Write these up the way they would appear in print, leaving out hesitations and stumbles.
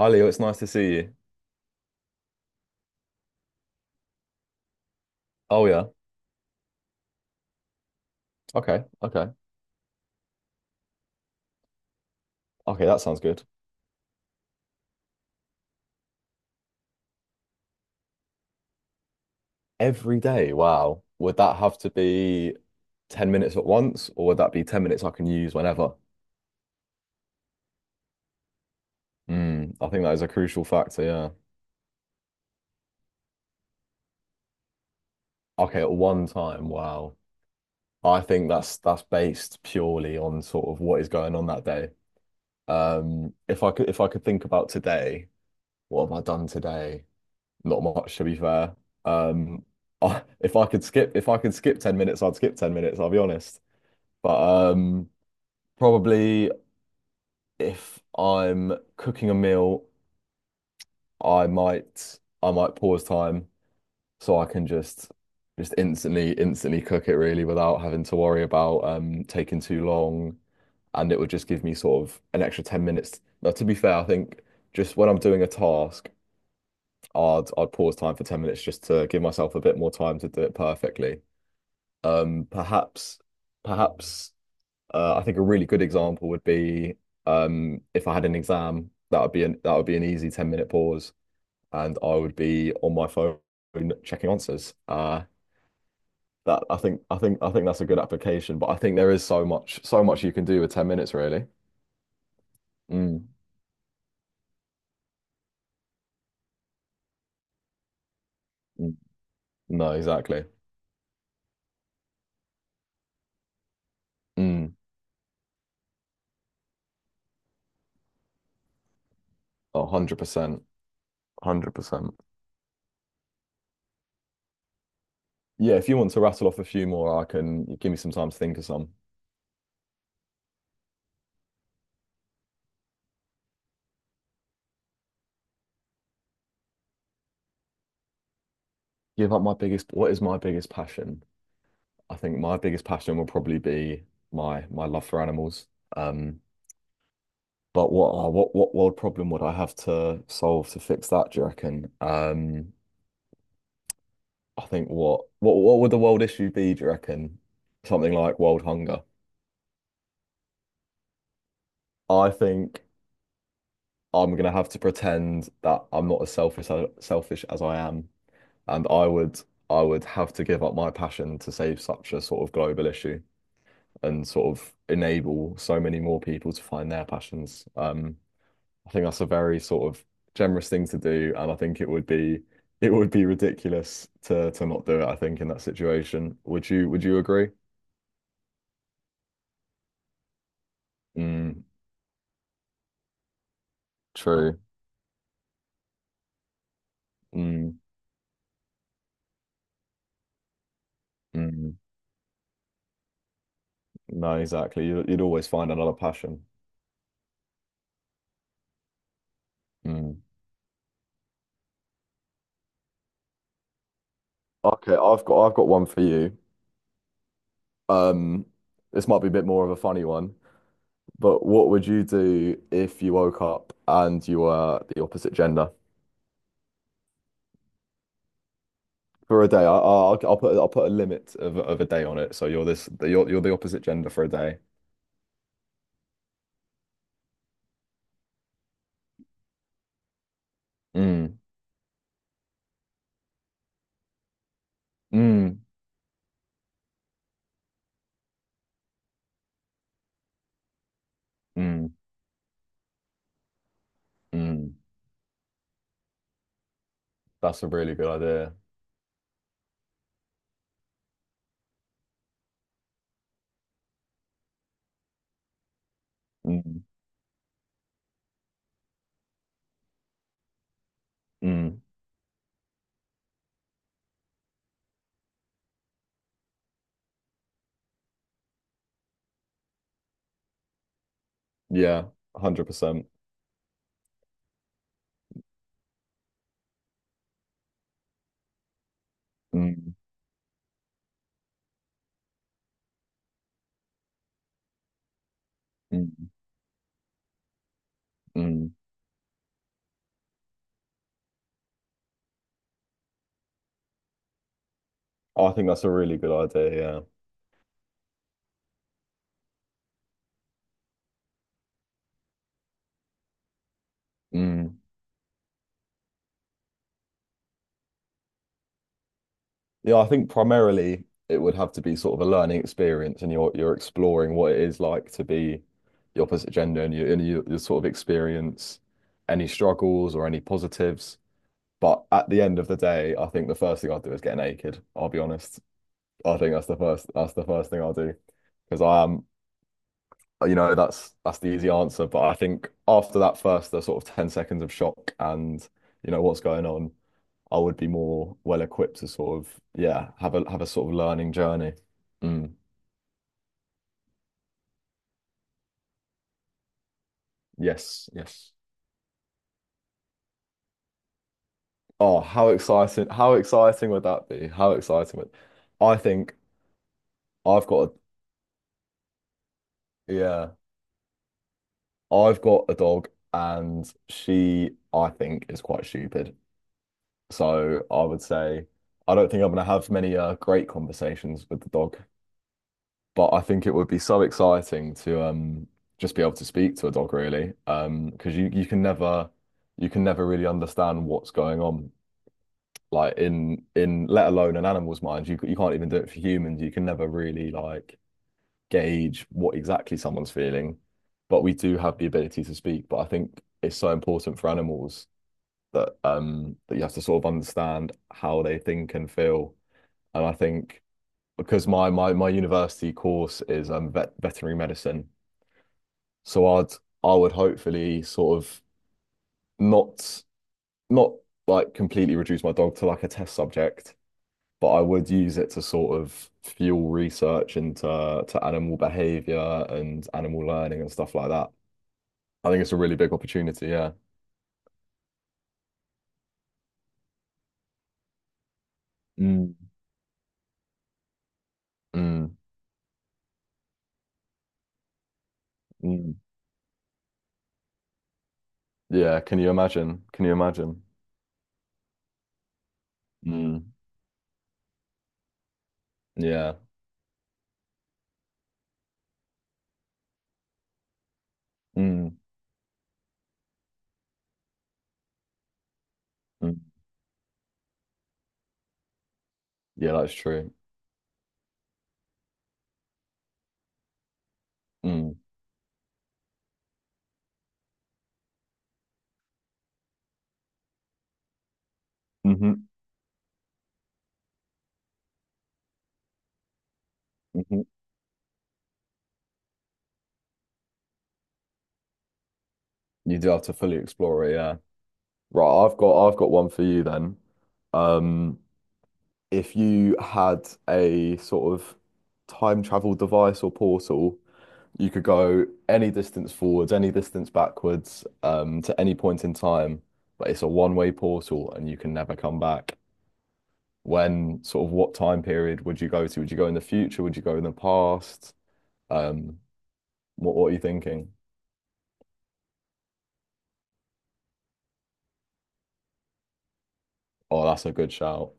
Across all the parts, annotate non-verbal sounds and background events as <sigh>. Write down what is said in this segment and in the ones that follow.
Hi Leo, it's nice to see you. Oh yeah. Okay. Okay. Okay, that sounds good. Every day, wow. Would that have to be 10 minutes at once, or would that be 10 minutes I can use whenever? Mm, I think that is a crucial factor, yeah. Okay, at one time, wow. I think that's based purely on sort of what is going on that day. If I could think about today, what have I done today? Not much, to be fair. Um, <laughs> if I could skip 10 minutes, I'd skip 10 minutes, I'll be honest. But probably if I'm cooking a meal, I might pause time so I can just just instantly cook it really without having to worry about taking too long, and it would just give me sort of an extra 10 minutes. Now, to be fair, I think just when I'm doing a task, I'd pause time for 10 minutes just to give myself a bit more time to do it perfectly. Perhaps Mm. perhaps I think a really good example would be, if I had an exam, that would be an easy 10-minute pause and I would be on my phone checking answers. That I think I think that's a good application, but I think there is so much you can do with 10 minutes really. Mm, mm. No, exactly. Mm, oh, 100%, 100%. Yeah, if you want to rattle off a few more, I can give me some time to think of some. Give up my biggest, what is my biggest passion? I think my biggest passion will probably be my love for animals. Um, but what world problem would I have to solve to fix that, do you reckon? I think what would the world issue be, do you reckon? Something like world hunger. I think I'm gonna have to pretend that I'm not selfish as I am, and I would have to give up my passion to save such a sort of global issue and sort of enable so many more people to find their passions. I think that's a very sort of generous thing to do, and I think it would be ridiculous to not do it, I think, in that situation. Would you agree? Mm, true. Mm, mm. No, exactly. You'd, you'd always find another passion. Mm. Okay, I've got one for you. Um, this might be a bit more of a funny one, but what would you do if you woke up and you were the opposite gender? For a day, I'll put a limit of a day on it. So you're the opposite gender for a day. Mm, mm, mm, mm. That's a really good idea. Mm, mm. Yeah, 100%. Mm, mm, mm. I think that's a really good idea, yeah. Mm. Yeah, I think primarily it would have to be sort of a learning experience and you're exploring what it is like to be the opposite gender and you you sort of experience any struggles or any positives. But at the end of the day, I think the first thing I'd do is get naked, I'll be honest. I think that's the first thing I'll do because I am that's the easy answer. But I think after that first the sort of 10 seconds of shock and what's going on, I would be more well equipped to sort of yeah have a sort of learning journey. Mm. Yes, yes. Oh, how exciting! How exciting would that be? How exciting would I think I've got a yeah I've got a dog and she I think is quite stupid. So I would say I don't think I'm going to have many great conversations with the dog, but I think it would be so exciting to just be able to speak to a dog really, because you can never really understand what's going on like in let alone an animal's mind. You can't even do it for humans. You can never really like gauge what exactly someone's feeling, but we do have the ability to speak. But I think it's so important for animals that that you have to sort of understand how they think and feel, and I think because my university course is veterinary medicine, so I'd I would hopefully sort of not not like completely reduce my dog to like a test subject, but I would use it to sort of fuel research into to animal behavior and animal learning and stuff like that. I think it's a really big opportunity, yeah. Mm, mm, mm. Yeah, can you imagine? Can you imagine? Mm. Yeah. Mm. Mm. Yeah, that's true. Mm. Hmm. Hmm. You do have to fully explore it, yeah. Right, I've got one for you then. Um, if you had a sort of time travel device or portal, you could go any distance forwards, any distance backwards, to any point in time, but it's a one-way portal and you can never come back. When sort of what time period would you go to? Would you go in the future? Would you go in the past? Um, what are you thinking? Oh, that's a good shout.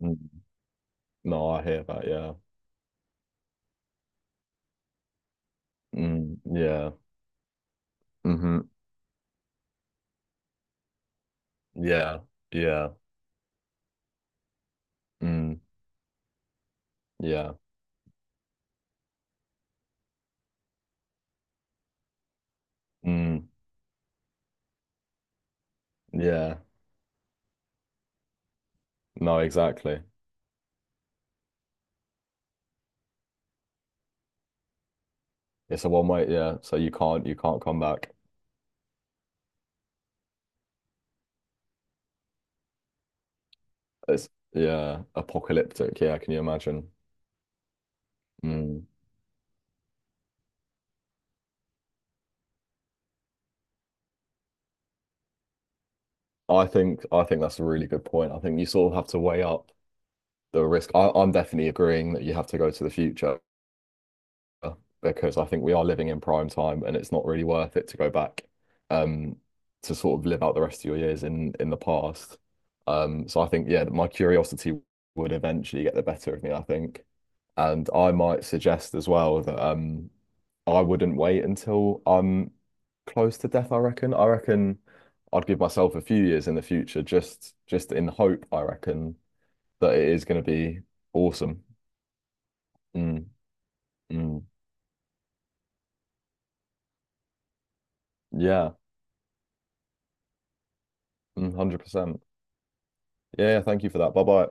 Mm. No, I hear that, yeah. Mm, yeah. Hmm. Yeah. Yeah. Mm. Yeah. Mm. Yeah. No, exactly. It's a one way, yeah. So you can't come back. It's yeah, apocalyptic. Yeah, can you imagine? Mm. I think that's a really good point. I think you sort of have to weigh up the risk. I'm definitely agreeing that you have to go to the future because I think we are living in prime time and it's not really worth it to go back, um, to sort of live out the rest of your years in the past. So I think yeah, my curiosity would eventually get the better of me, I think. And I might suggest as well that, I wouldn't wait until I'm close to death, I reckon. I reckon I'd give myself a few years in the future just in hope, I reckon, that it is going to be awesome. Mm, mm, yeah, mm, 100%. Yeah, yeah, thank you for that. Bye bye.